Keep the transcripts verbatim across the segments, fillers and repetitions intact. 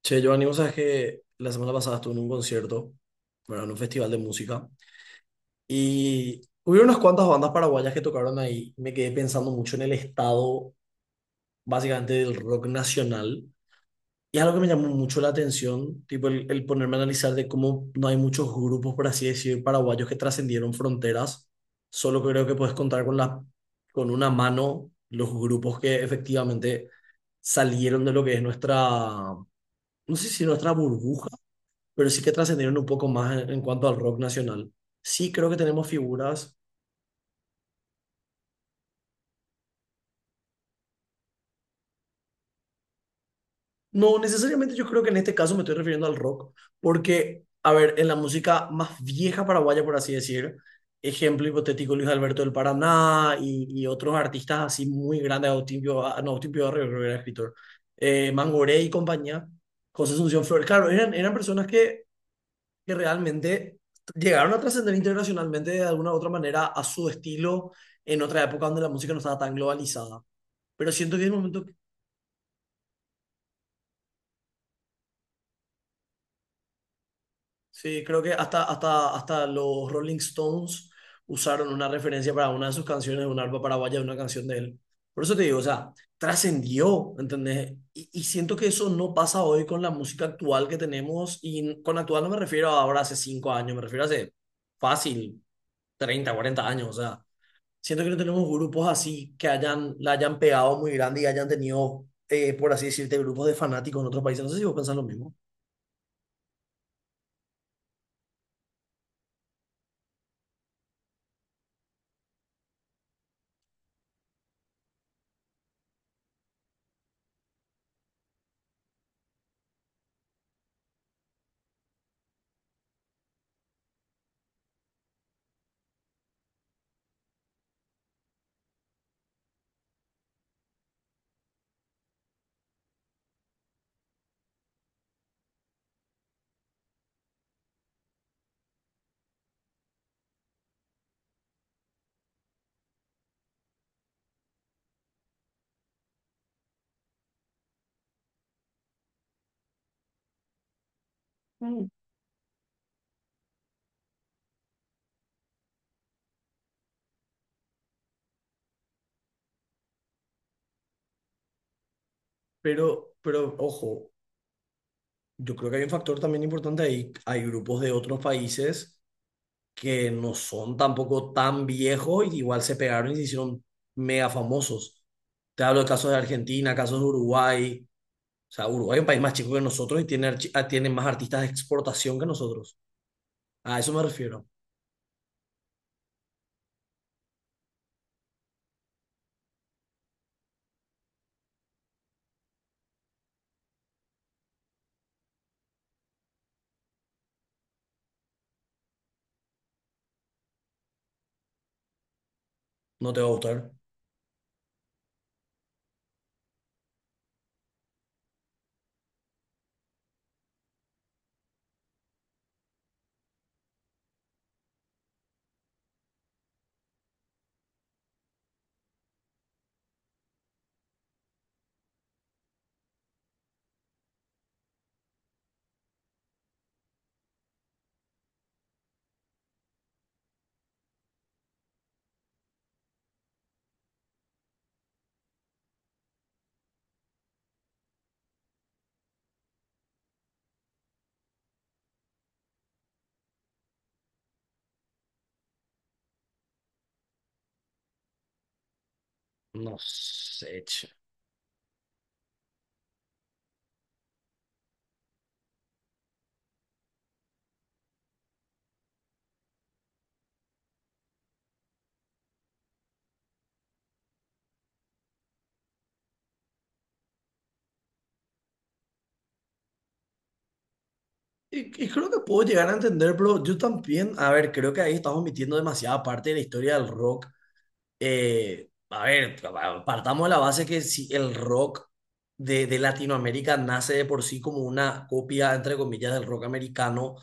Che, Giovanni, vos sabés que la semana pasada estuve en un concierto, bueno, en un festival de música, y hubo unas cuantas bandas paraguayas que tocaron ahí. Me quedé pensando mucho en el estado, básicamente, del rock nacional. Y es algo que me llamó mucho la atención, tipo el, el ponerme a analizar de cómo no hay muchos grupos, por así decir, paraguayos que trascendieron fronteras. Solo creo que puedes contar con la, con una mano los grupos que efectivamente salieron de lo que es nuestra, no sé si nuestra burbuja, pero sí que trascendieron un poco más en, en cuanto al rock nacional. Sí creo que tenemos figuras. No necesariamente, yo creo que en este caso me estoy refiriendo al rock, porque, a ver, en la música más vieja paraguaya, por así decir, ejemplo hipotético Luis Alberto del Paraná y, y otros artistas así muy grandes, Agustín Pio, ah, no, Agustín Pio Barrio, creo que era escritor, eh, Mangoré y compañía, José Asunción Flores, claro, eran, eran personas que que realmente llegaron a trascender internacionalmente de alguna u otra manera a su estilo en otra época donde la música no estaba tan globalizada. Pero siento que es el momento, sí, creo que hasta, hasta, hasta los Rolling Stones usaron una referencia para una de sus canciones, una arpa paraguaya, de una canción de él. Por eso te digo, o sea, trascendió, ¿entendés? Y, y siento que eso no pasa hoy con la música actual que tenemos, y con actual no me refiero a ahora hace cinco años, me refiero a hace fácil, treinta, cuarenta años, o sea, siento que no tenemos grupos así que hayan, la hayan pegado muy grande y hayan tenido, eh, por así decirte, grupos de fanáticos en otros países. No sé si vos pensás lo mismo, pero, pero ojo, yo creo que hay un factor también importante ahí. Hay grupos de otros países que no son tampoco tan viejos y igual se pegaron y se hicieron mega famosos. Te hablo de casos de Argentina, casos de Uruguay. O sea, Uruguay es un país más chico que nosotros y tiene, archi- ah, tiene más artistas de exportación que nosotros. A eso me refiero. ¿No te va a gustar? No sé. Y, y creo que puedo llegar a entender, pero yo también, a ver, creo que ahí estamos omitiendo demasiada parte de la historia del rock. Eh, a ver, partamos de la base que si el rock de, de Latinoamérica nace de por sí como una copia, entre comillas, del rock americano,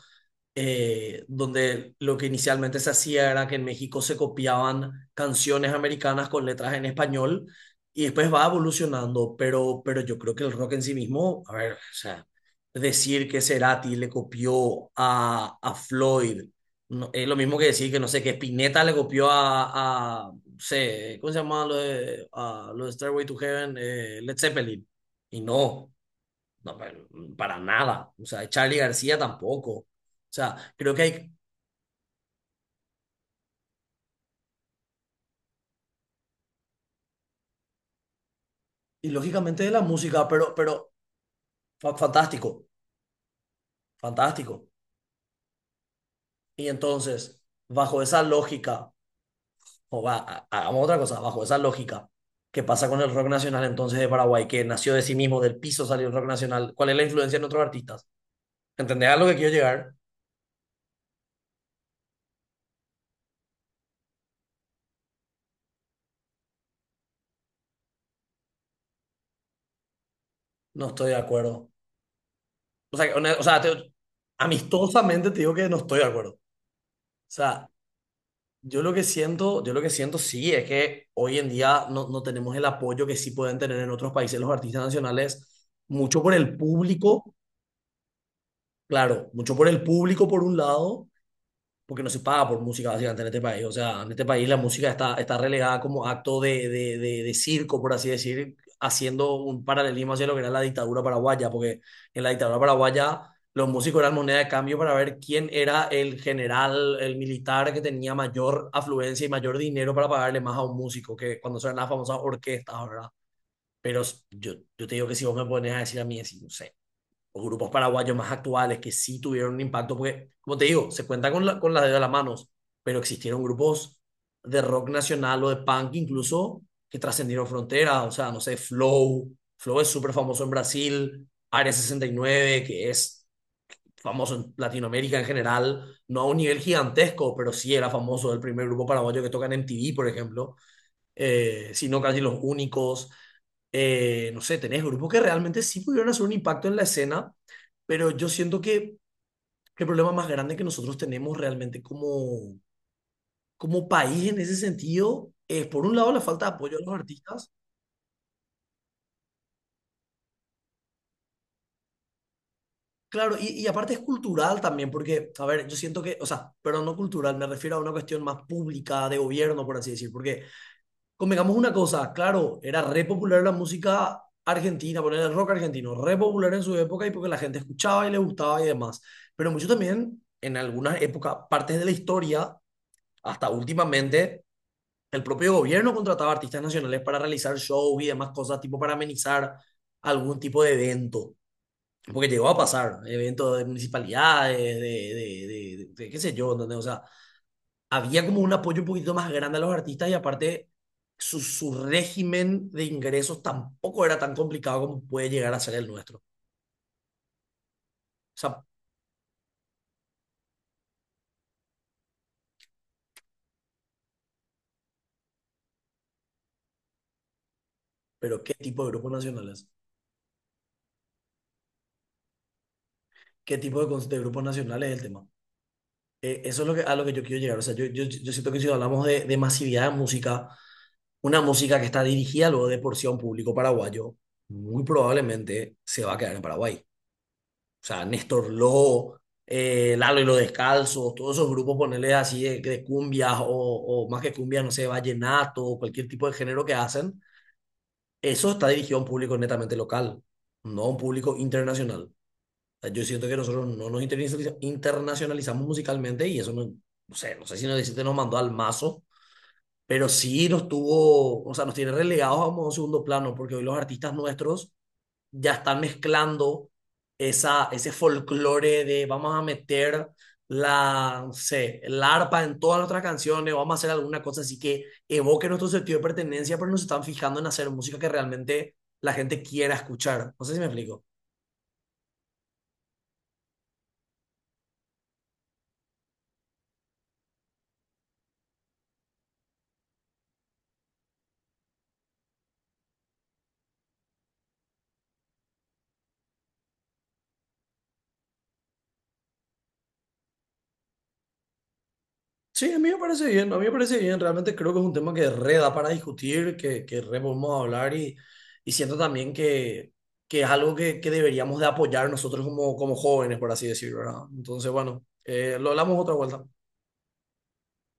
eh, donde lo que inicialmente se hacía era que en México se copiaban canciones americanas con letras en español y después va evolucionando, pero, pero yo creo que el rock en sí mismo, a ver, o sea, decir que Cerati le copió a, a Floyd, no, es lo mismo que decir que, no sé, que Spinetta le copió a, a no sé, ¿cómo se llama lo de, a, lo de Stairway to Heaven? Eh, Led Zeppelin. Y no, no, pa- para nada. O sea, Charlie García tampoco. O sea, creo que hay, y lógicamente de la música, pero, pero fa- fantástico, fantástico. Y entonces, bajo esa lógica, o va, ha- hagamos otra cosa, bajo esa lógica, ¿qué pasa con el rock nacional entonces de Paraguay, que nació de sí mismo, del piso salió el rock nacional? ¿Cuál es la influencia en otros artistas? ¿Entendés a lo que quiero llegar? No estoy de acuerdo. O sea, que- o sea, te- amistosamente te digo que no estoy de acuerdo. O sea, Yo lo que siento, yo lo que siento sí es que hoy en día no, no tenemos el apoyo que sí pueden tener en otros países los artistas nacionales, mucho por el público, claro, mucho por el público por un lado, porque no se paga por música básicamente en este país. O sea, en este país la música está, está relegada como acto de, de, de, de circo, por así decir, haciendo un paralelismo hacia lo que era la dictadura paraguaya, porque en la dictadura paraguaya los músicos eran moneda de cambio para ver quién era el general, el militar que tenía mayor afluencia y mayor dinero para pagarle más a un músico, que cuando son las famosas orquestas, ¿verdad? Pero s- yo, yo te digo que si vos me pones a decir a mí, así, no sé, o grupos paraguayos más actuales que sí tuvieron un impacto, porque, como te digo, se cuenta con la, con la dedo de las manos, pero existieron grupos de rock nacional o de punk incluso que trascendieron fronteras, o sea, no sé, Flow, Flow es súper famoso en Brasil, Área sesenta y nueve que es famoso en Latinoamérica en general, no a un nivel gigantesco, pero sí era famoso el primer grupo paraguayo que toca en M T V, por ejemplo, eh, sino casi los únicos. Eh, no sé, tenés grupos que realmente sí pudieron hacer un impacto en la escena, pero yo siento que el problema más grande que nosotros tenemos realmente como, como país en ese sentido es, por un lado, la falta de apoyo a los artistas. Claro, y, y aparte es cultural también, porque, a ver, yo siento que, o sea, pero no cultural, me refiero a una cuestión más pública, de gobierno, por así decir, porque convengamos una cosa, claro, era re popular la música argentina, poner el rock argentino, re popular en su época y porque la gente escuchaba y le gustaba y demás. Pero mucho también, en algunas épocas, partes de la historia, hasta últimamente, el propio gobierno contrataba artistas nacionales para realizar shows y demás cosas, tipo para amenizar algún tipo de evento. Porque llegó a pasar, eventos de municipalidades, de, de, de- de- de qué sé yo, ¿entendés? O sea, había como un apoyo un poquito más grande a los artistas y aparte su, su régimen de ingresos tampoco era tan complicado como puede llegar a ser el nuestro. O sea, pero ¿qué tipo de grupos nacionales? ¿Qué tipo de, cons- de grupos nacionales es el tema? Eh, eso es lo que, a lo que yo quiero llegar. O sea, yo, yo, yo siento que si hablamos de, de masividad de música, una música que está dirigida luego de por sí a un público paraguayo, muy probablemente se va a quedar en Paraguay. O sea, Néstor Lobo, eh, Lalo y los Descalzos, todos esos grupos, ponerles así de, de cumbias o, o más que cumbias, no sé, vallenato o cualquier tipo de género que hacen, eso está dirigido a un público netamente local, no a un público internacional. O sea, yo siento que nosotros no nos internacionaliza- internacionalizamos musicalmente y eso no, no sé, no sé si nos deciste nos mandó al mazo, pero sí nos tuvo, o sea, nos tiene relegados a un segundo plano porque hoy los artistas nuestros ya están mezclando esa, ese folclore de vamos a meter la, no sé, el arpa en todas nuestras canciones, vamos a hacer alguna cosa así que evoque nuestro sentido de pertenencia, pero nos están fijando en hacer música que realmente la gente quiera escuchar. No sé si me explico. Sí, a mí me parece bien, a mí me parece bien. Realmente creo que es un tema que re da para discutir, que, que re podemos hablar y, y siento también que, que es algo que, que deberíamos de apoyar nosotros como, como jóvenes, por así decirlo, ¿verdad? Entonces, bueno, eh, lo hablamos otra vuelta.